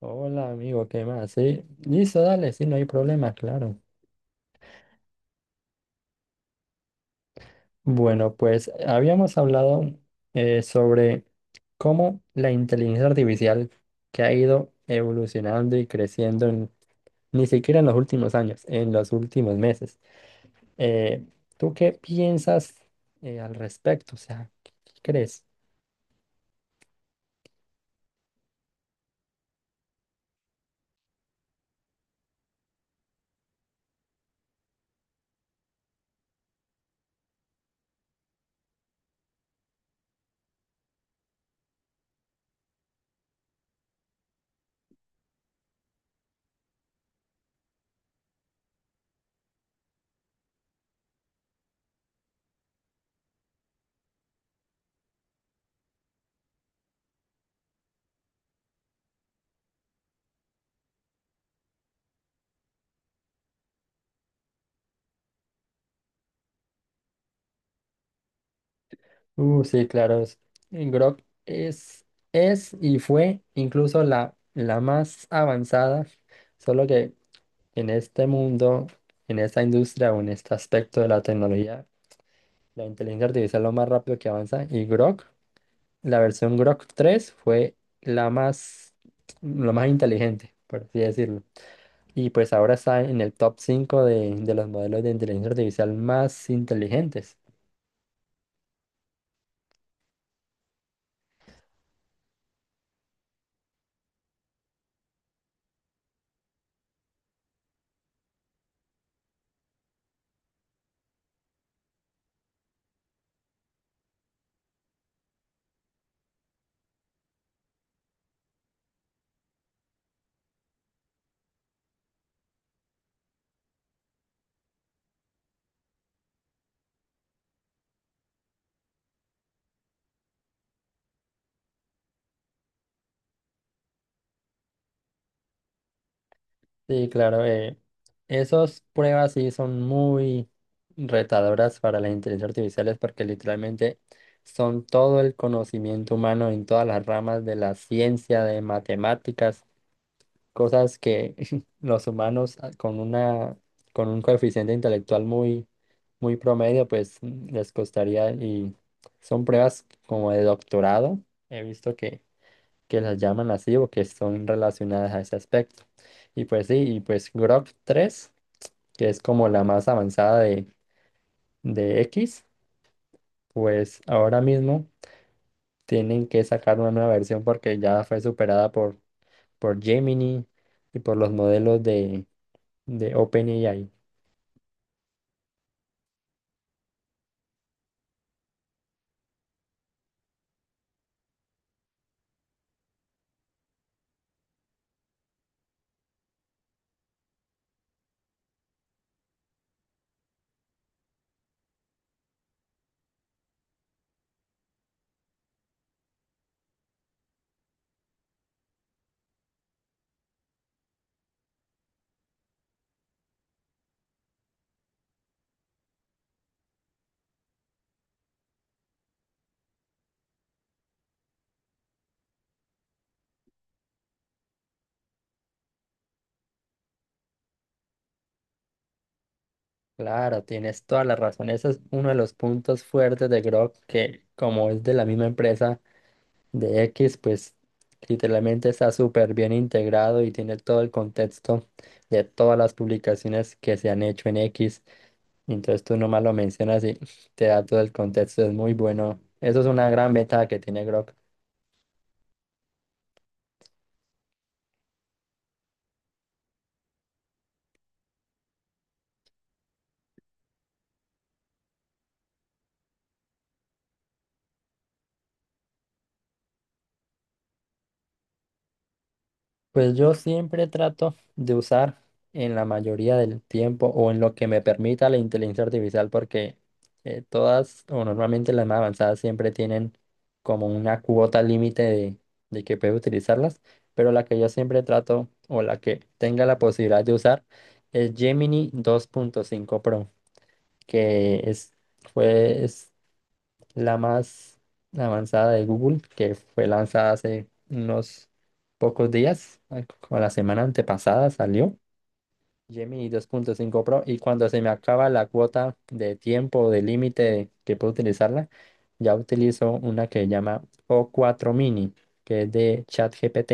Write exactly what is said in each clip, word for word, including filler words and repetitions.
Hola, amigo, ¿qué más? Sí, listo, dale, sí, no hay problema, claro. Bueno, pues habíamos hablado eh, sobre cómo la inteligencia artificial que ha ido evolucionando y creciendo en- ni siquiera en los últimos años, en los últimos meses. Eh, ¿tú qué piensas eh, al respecto? O sea, ¿qué qué crees? Uh, sí, claro. es- eh, Grok es, es y fue incluso la, la más avanzada. Solo que en este mundo, en esta industria o en este aspecto de la tecnología, la inteligencia artificial es lo más rápido que avanza, y Grok, la versión Grok tres fue la más, lo más inteligente, por así decirlo. Y pues ahora está en el top cinco de, de los modelos de inteligencia artificial más inteligentes. Sí, claro, eh, esas pruebas sí son muy retadoras para la inteligencia artificial, es porque literalmente son todo el conocimiento humano en todas las ramas de la ciencia, de matemáticas, cosas que los humanos ah, con una, con un coeficiente intelectual muy, muy promedio, pues mm, les costaría, y son pruebas como de doctorado. He visto que que las llaman así o que son relacionadas a ese aspecto. Y pues sí, y pues Grok tres, que es como la más avanzada de, de X, pues ahora mismo tienen que sacar una nueva versión porque ya fue superada por, por Gemini y por los modelos de, de OpenAI. Claro, tienes toda la razón. Ese es uno de los puntos fuertes de Grok, que como es de la misma empresa, de X, pues literalmente está súper bien integrado y tiene todo el contexto de todas las publicaciones que se han hecho en X. Entonces tú nomás lo mencionas y te da todo el contexto, es muy bueno. Eso es una gran ventaja que tiene Grok. Pues yo siempre trato de usar en la mayoría del tiempo o en lo que me permita la inteligencia artificial, porque eh, todas o normalmente las más avanzadas siempre tienen como una cuota límite de, de que puedes utilizarlas, pero la que yo siempre trato o la que tenga la posibilidad de usar es Gemini dos punto cinco Pro, que es, fue, es la más avanzada de Google, que fue lanzada hace unos pocos días, ay, como la semana antepasada salió, Gemini dos punto cinco Pro, y cuando se me acaba la cuota de tiempo o de límite que puedo utilizarla, ya utilizo una que se llama o cuatro Mini, que es de ChatGPT.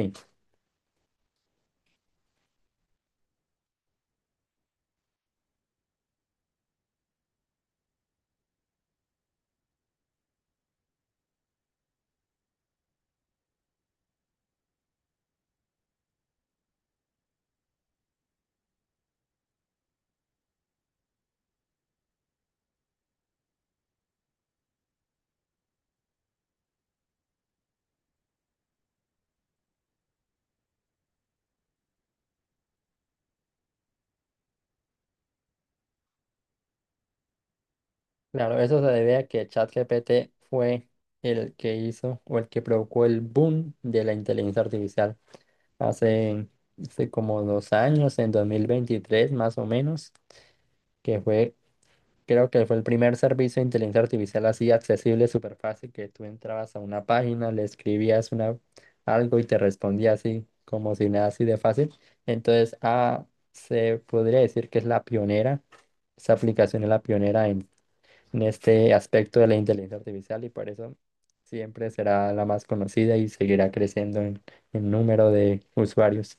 Claro, eso se debe a que ChatGPT fue el que hizo o el que provocó el boom de la inteligencia artificial. hace, Hace como dos años, en dos mil veintitrés más o menos, que fue, creo que fue el primer servicio de inteligencia artificial así accesible, súper fácil, que tú entrabas a una página, le escribías una, algo y te respondía así, como si nada, así de fácil. Entonces, ah, se podría decir que es la pionera, esa aplicación es la pionera en, en este aspecto de la inteligencia artificial, y por eso siempre será la más conocida y seguirá creciendo en en número de usuarios.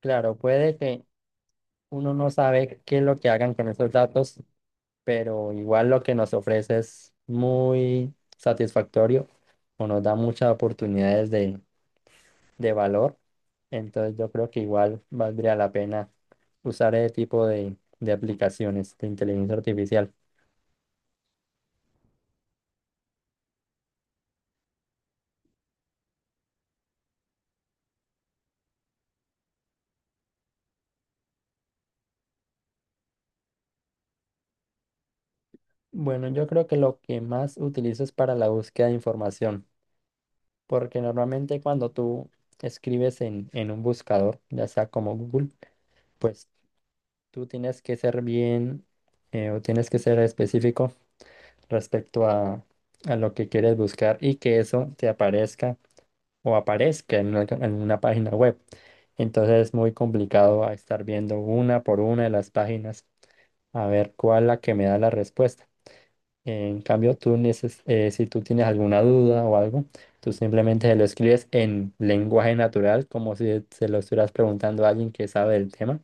Claro, puede que uno no sabe qué es lo que hagan con esos datos, pero igual lo que nos ofrece es muy satisfactorio o nos da muchas oportunidades de, de valor. Entonces yo creo que igual valdría la pena usar ese tipo de, de aplicaciones de inteligencia artificial. Bueno, yo creo que lo que más utilizo es para la búsqueda de información, porque normalmente cuando tú escribes en, en un buscador, ya sea como Google, pues tú tienes que ser bien eh, o tienes que ser específico respecto a, a lo que quieres buscar y que eso te aparezca o aparezca en una, en una página web. Entonces es muy complicado a estar viendo una por una de las páginas a ver cuál es la que me da la respuesta. En cambio, tú neces- eh, si tú tienes alguna duda o algo, tú simplemente se lo escribes en lenguaje natural, como si se lo estuvieras preguntando a alguien que sabe del tema,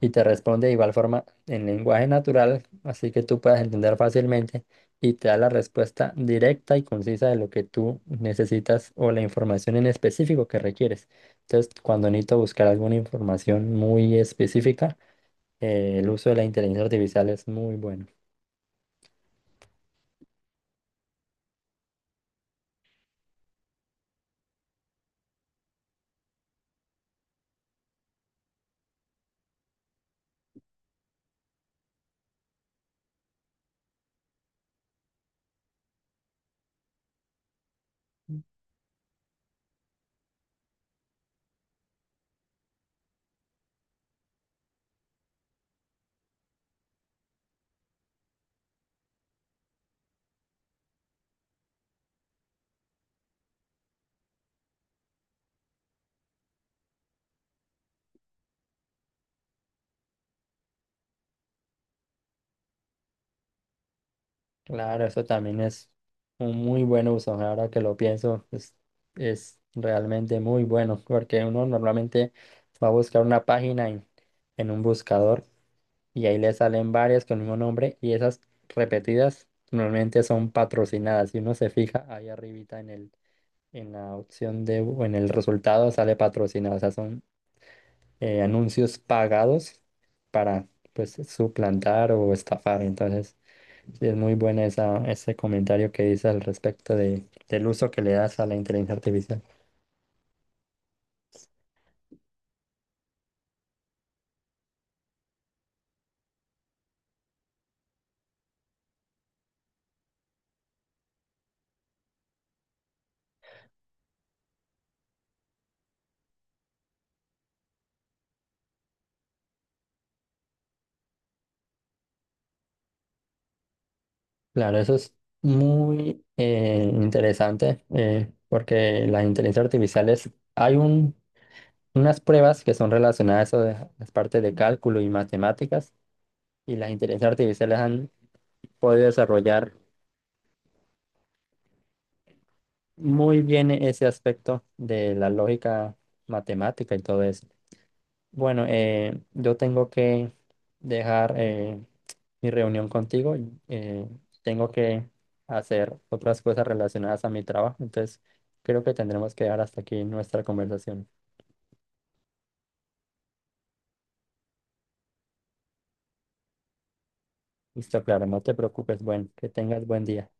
y te responde de igual forma en lenguaje natural, así que tú puedas entender fácilmente y te da la respuesta directa y concisa de lo que tú necesitas o la información en específico que requieres. Entonces, cuando necesito buscar alguna información muy específica, eh, el uso de la inteligencia artificial es muy bueno. Claro, eso también es un muy buen uso. Ahora que lo pienso, es, es realmente muy bueno porque uno normalmente va a buscar una página en en un buscador, y ahí le salen varias con el mismo nombre, y esas repetidas normalmente son patrocinadas. Si uno se fija ahí arribita en el, en la opción de, o en el resultado sale patrocinado, o sea, son eh, anuncios pagados para pues suplantar o estafar. Entonces, sí es muy bueno esa, ese comentario que dice al respecto de, del uso que le das a la inteligencia artificial. Claro, eso es muy eh, interesante eh, porque las inteligencias artificiales hay un unas pruebas que son relacionadas a las partes de cálculo y matemáticas, y las inteligencias artificiales han podido desarrollar muy bien ese aspecto de la lógica matemática y todo eso. Bueno, eh, yo tengo que dejar eh, mi reunión contigo, eh, tengo que hacer otras cosas relacionadas a mi trabajo, entonces creo que tendremos que dejar hasta aquí nuestra conversación. Listo, claro, no te preocupes, bueno, que tengas buen día.